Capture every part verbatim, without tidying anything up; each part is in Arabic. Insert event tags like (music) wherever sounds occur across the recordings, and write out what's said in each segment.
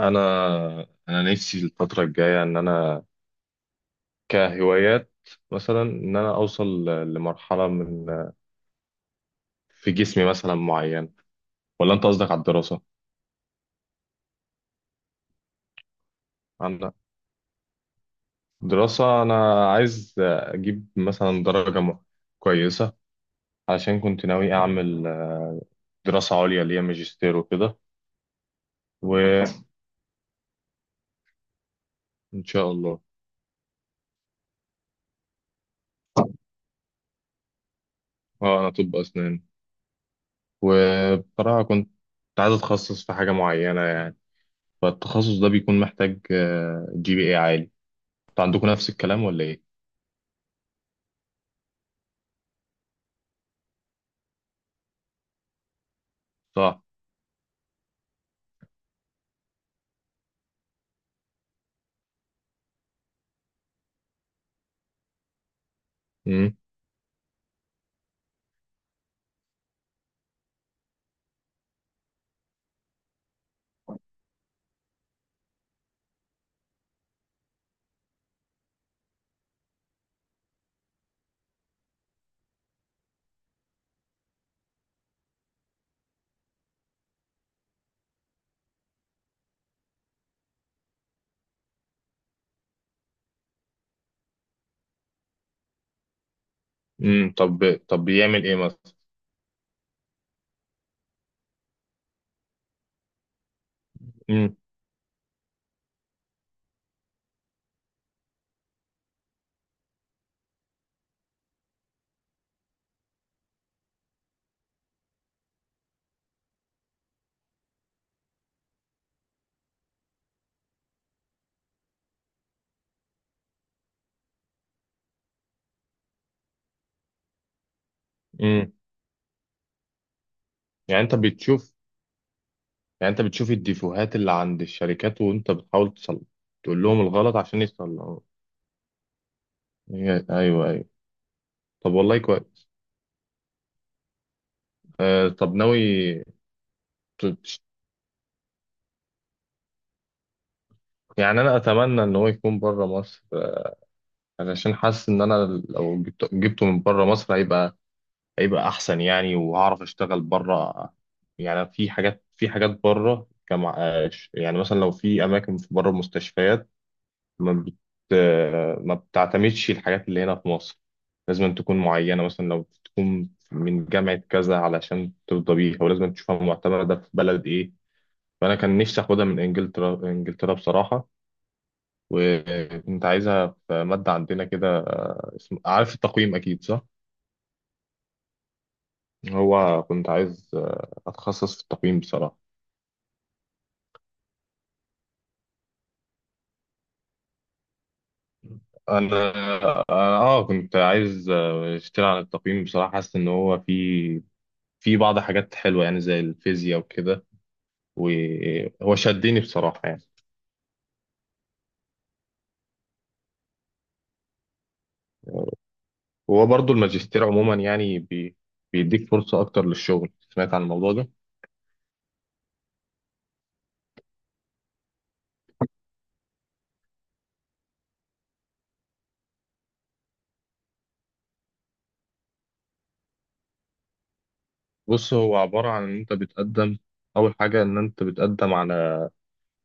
انا انا نفسي الفتره الجايه ان انا كهوايات مثلا ان انا اوصل ل- لمرحله من في جسمي مثلا معين، ولا انت قصدك على الدراسه؟ انا دراسه انا عايز اجيب مثلا درجه م- كويسه، عشان كنت ناوي اعمل دراسه عليا ليا ماجستير وكده، وان شاء الله. اه انا طب اسنان، وبصراحه كنت عايز اتخصص في حاجه معينه يعني، فالتخصص ده بيكون محتاج جي بي اي عالي. انتوا عندكم نفس الكلام ولا ايه؟ صح. امم امم طب طب بيعمل ايه مثلا؟ امم امم يعني انت بتشوف يعني انت بتشوف الديفوهات اللي عند الشركات، وانت بتحاول تصلح، تقول لهم الغلط عشان يصلحوا. هي- ايوه ايوه. طب والله كويس. آه طب ناوي. ت- يعني انا اتمنى ان هو يكون بره مصر، آه، علشان حاسس ان انا لو جبته جبته من بره مصر هيبقى هيبقى احسن يعني، وهعرف اشتغل بره. يعني في حاجات في حاجات بره كمع... آه، ش- يعني مثلا لو في اماكن في بره المستشفيات ما بت... آه، ما بتعتمدش الحاجات اللي هنا في مصر. لازم تكون معينه، مثلا لو تكون من جامعه كذا علشان ترضى بيها، ولازم تشوفها معتمده في بلد ايه. فانا كان نفسي اخدها من انجلترا انجلترا بصراحه، وكنت عايزها في ماده عندنا كده، آه، اسم... عارف التقويم اكيد صح؟ هو كنت عايز آه، اتخصص في التقويم بصراحه. انا اه، آه، كنت عايز آه، اشتري عن التقييم بصراحه. حاسس ان هو في في بعض حاجات حلوه يعني، زي الفيزياء وكده، وهو شدني بصراحه يعني. وهو برضو الماجستير عموما يعني بي... بيديك فرصه اكتر للشغل. سمعت عن الموضوع ده. بص، هو عباره عن ان انت بتقدم. اول حاجه ان انت بتقدم على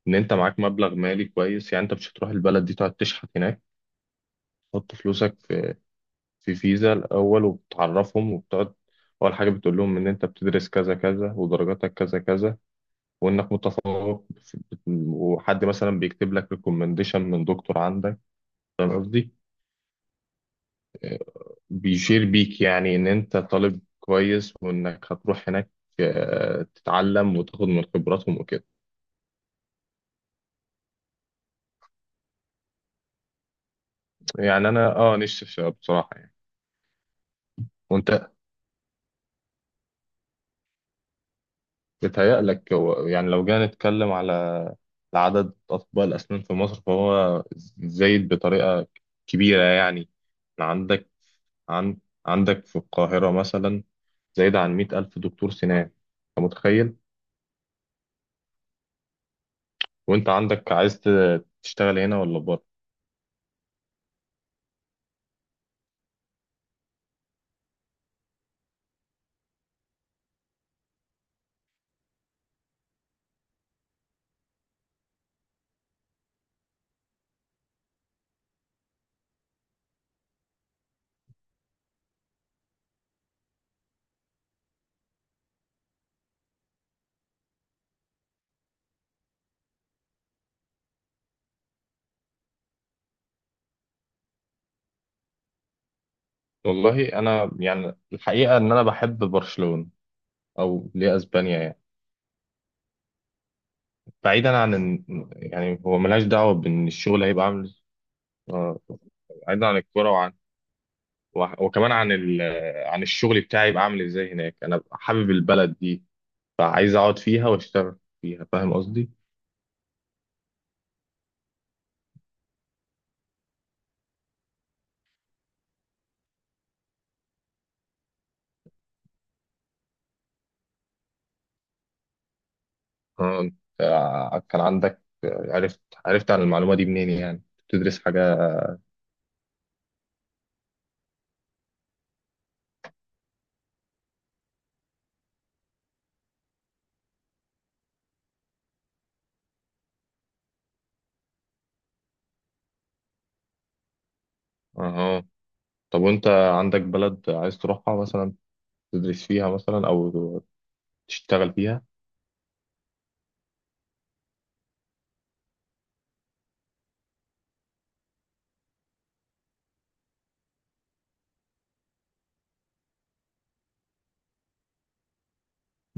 ان انت معاك مبلغ مالي كويس، يعني انت مش هتروح البلد دي تقعد تشحت هناك. تحط فلوسك في فيزا الأول، وبتعرفهم وبتقعد. أول حاجة بتقول لهم إن أنت بتدرس كذا كذا، ودرجاتك كذا كذا، وإنك متفوق في- وحد مثلا بيكتب لك ريكومنديشن من دكتور عندك. فاهم قصدي؟ بيشير بيك يعني إن أنت طالب كويس، وإنك هتروح هناك آه، تتعلم وتاخد من خبراتهم وكده. يعني أنا أه نفسي في- بصراحة يعني. وأنت بيتهيألك هو- يعني لو جينا نتكلم على عدد أطباء الأسنان في مصر، فهو زايد بطريقة كبيرة يعني. عندك عند عندك في القاهرة مثلا زايد عن مئة ألف دكتور سنان. أنت متخيل؟ وأنت عندك عايز ت- تشتغل هنا ولا بره؟ والله أنا يعني الحقيقة إن أنا بحب برشلونة، أو ليه أسبانيا يعني. بعيدا عن إن- يعني هو ملهاش دعوة بإن الشغل هيبقى عامل آه، بعيدا عن الكورة، وع- وكمان عن ال... عن الشغل بتاعي يبقى عامل ازاي هناك. انا ببقى حابب البلد دي، فعايز اقعد فيها واشتغل فيها. فاهم قصدي؟ آه، انت كان عندك، عرفت عرفت عن المعلومة دي منين يعني؟ بتدرس حاجة؟ اه. طب وانت عندك بلد عايز تروحها مثلا، تدرس فيها مثلا او تشتغل فيها؟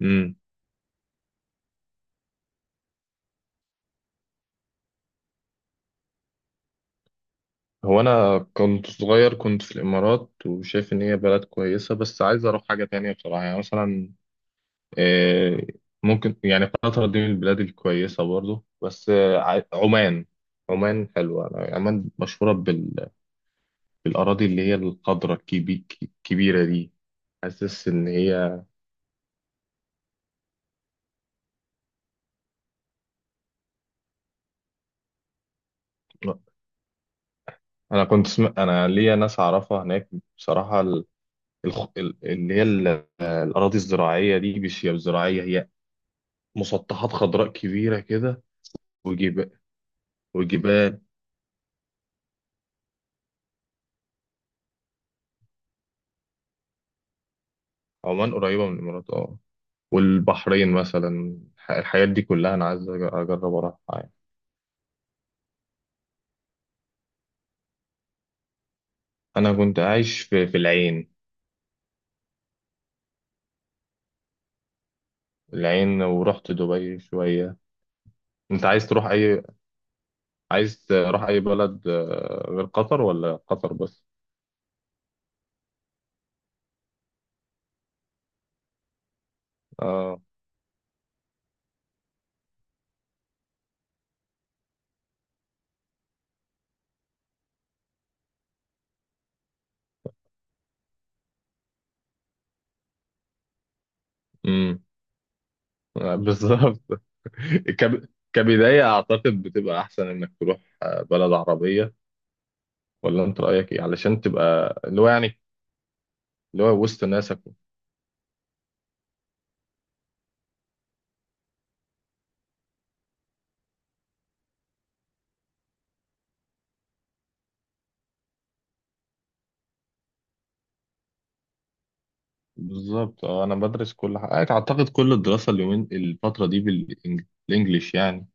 امم. هو انا كنت صغير كنت في الامارات، وشايف ان هي بلد كويسة، بس عايز اروح حاجة تانية بصراحة يعني. مثلا آه، ممكن يعني قطر دي من البلاد الكويسة برضو، بس آه، ع- عمان. عمان حلوة. عمان مشهورة بال... بالأراضي اللي هي الخضرة الكبي... الكبيرة دي. حاسس إن هي أنا كنت سم... أنا ليا ناس أعرفها هناك بصراحة. ال... الخ... ال- اللي هي ال- الأراضي الزراعية دي مش هي زراعية، هي مسطحات خضراء كبيرة كده. وجب... وجبال. عمان قريبة من الإمارات أه، والبحرين مثلا. الح- الحاجات دي كلها أنا عايز أج- أجرب أروحها. انا كنت عايش في في العين. العين، ورحت دبي شوية. انت عايز تروح اي، عايز تروح اي بلد آه، غير قطر، ولا قطر بس؟ اه. امم. آه، بالظبط. (laughs) كب... كبداية اعتقد بتبقى احسن انك تروح آه، بلد عربية، ولا انت رأيك ايه؟ علشان تبقى اللي هو يعني اللي هو وسط ناسك. بالظبط اه، انا بدرس كل حاجة اعتقد، كل الدراسة اليومين الفترة دي بالانجليش يعني.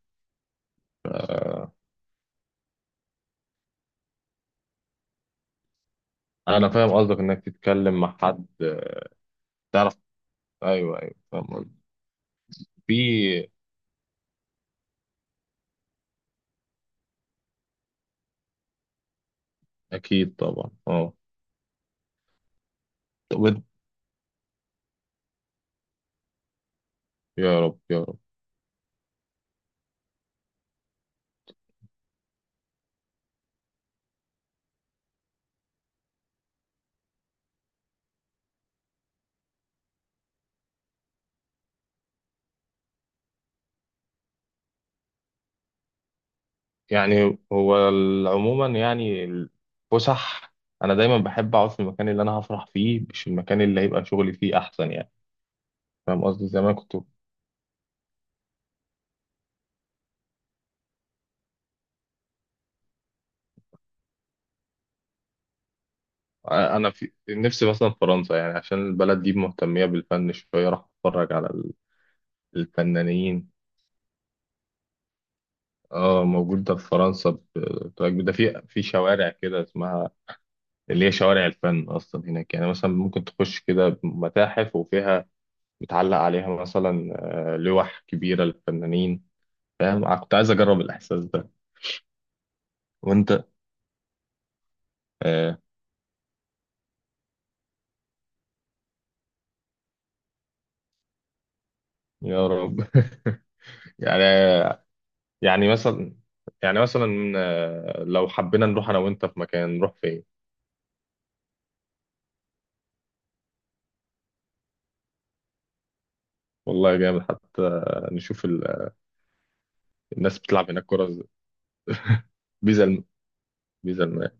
انا فاهم قصدك، انك تتكلم مع حد، تعرف. ايوه ايوه فاهم قصدي. في. اكيد طبعا اه. طب وإنت- يا رب يا رب. يعني هو ال- عموما يعني الفسح، انا دايما بحب اقعد في المكان اللي انا هفرح فيه، مش المكان اللي هيبقى شغلي فيه احسن يعني. فاهم قصدي؟ زمان كنت انا في نفسي مثلا فرنسا، يعني عشان البلد دي مهتميه بالفن شويه، راح اتفرج على ال- الفنانين. اه موجود ده في فرنسا، ب- ده في في شوارع كده اسمها، اللي هي شوارع الفن اصلا هناك. يعني مثلا ممكن تخش كده متاحف، وفيها متعلق عليها مثلا آه، لوح كبيره للفنانين. فاهم؟ أنا كنت عايز اجرب الاحساس ده. وانت آه. يا رب. (laughs) يعني يعني مثلا يعني مثلا آه، لو حبينا نروح انا وانت في مكان، نروح فين؟ والله جامد حتى. نشوف ال- الناس بتلعب هناك كرة ازاي. بيزا الم... بيزا الماء.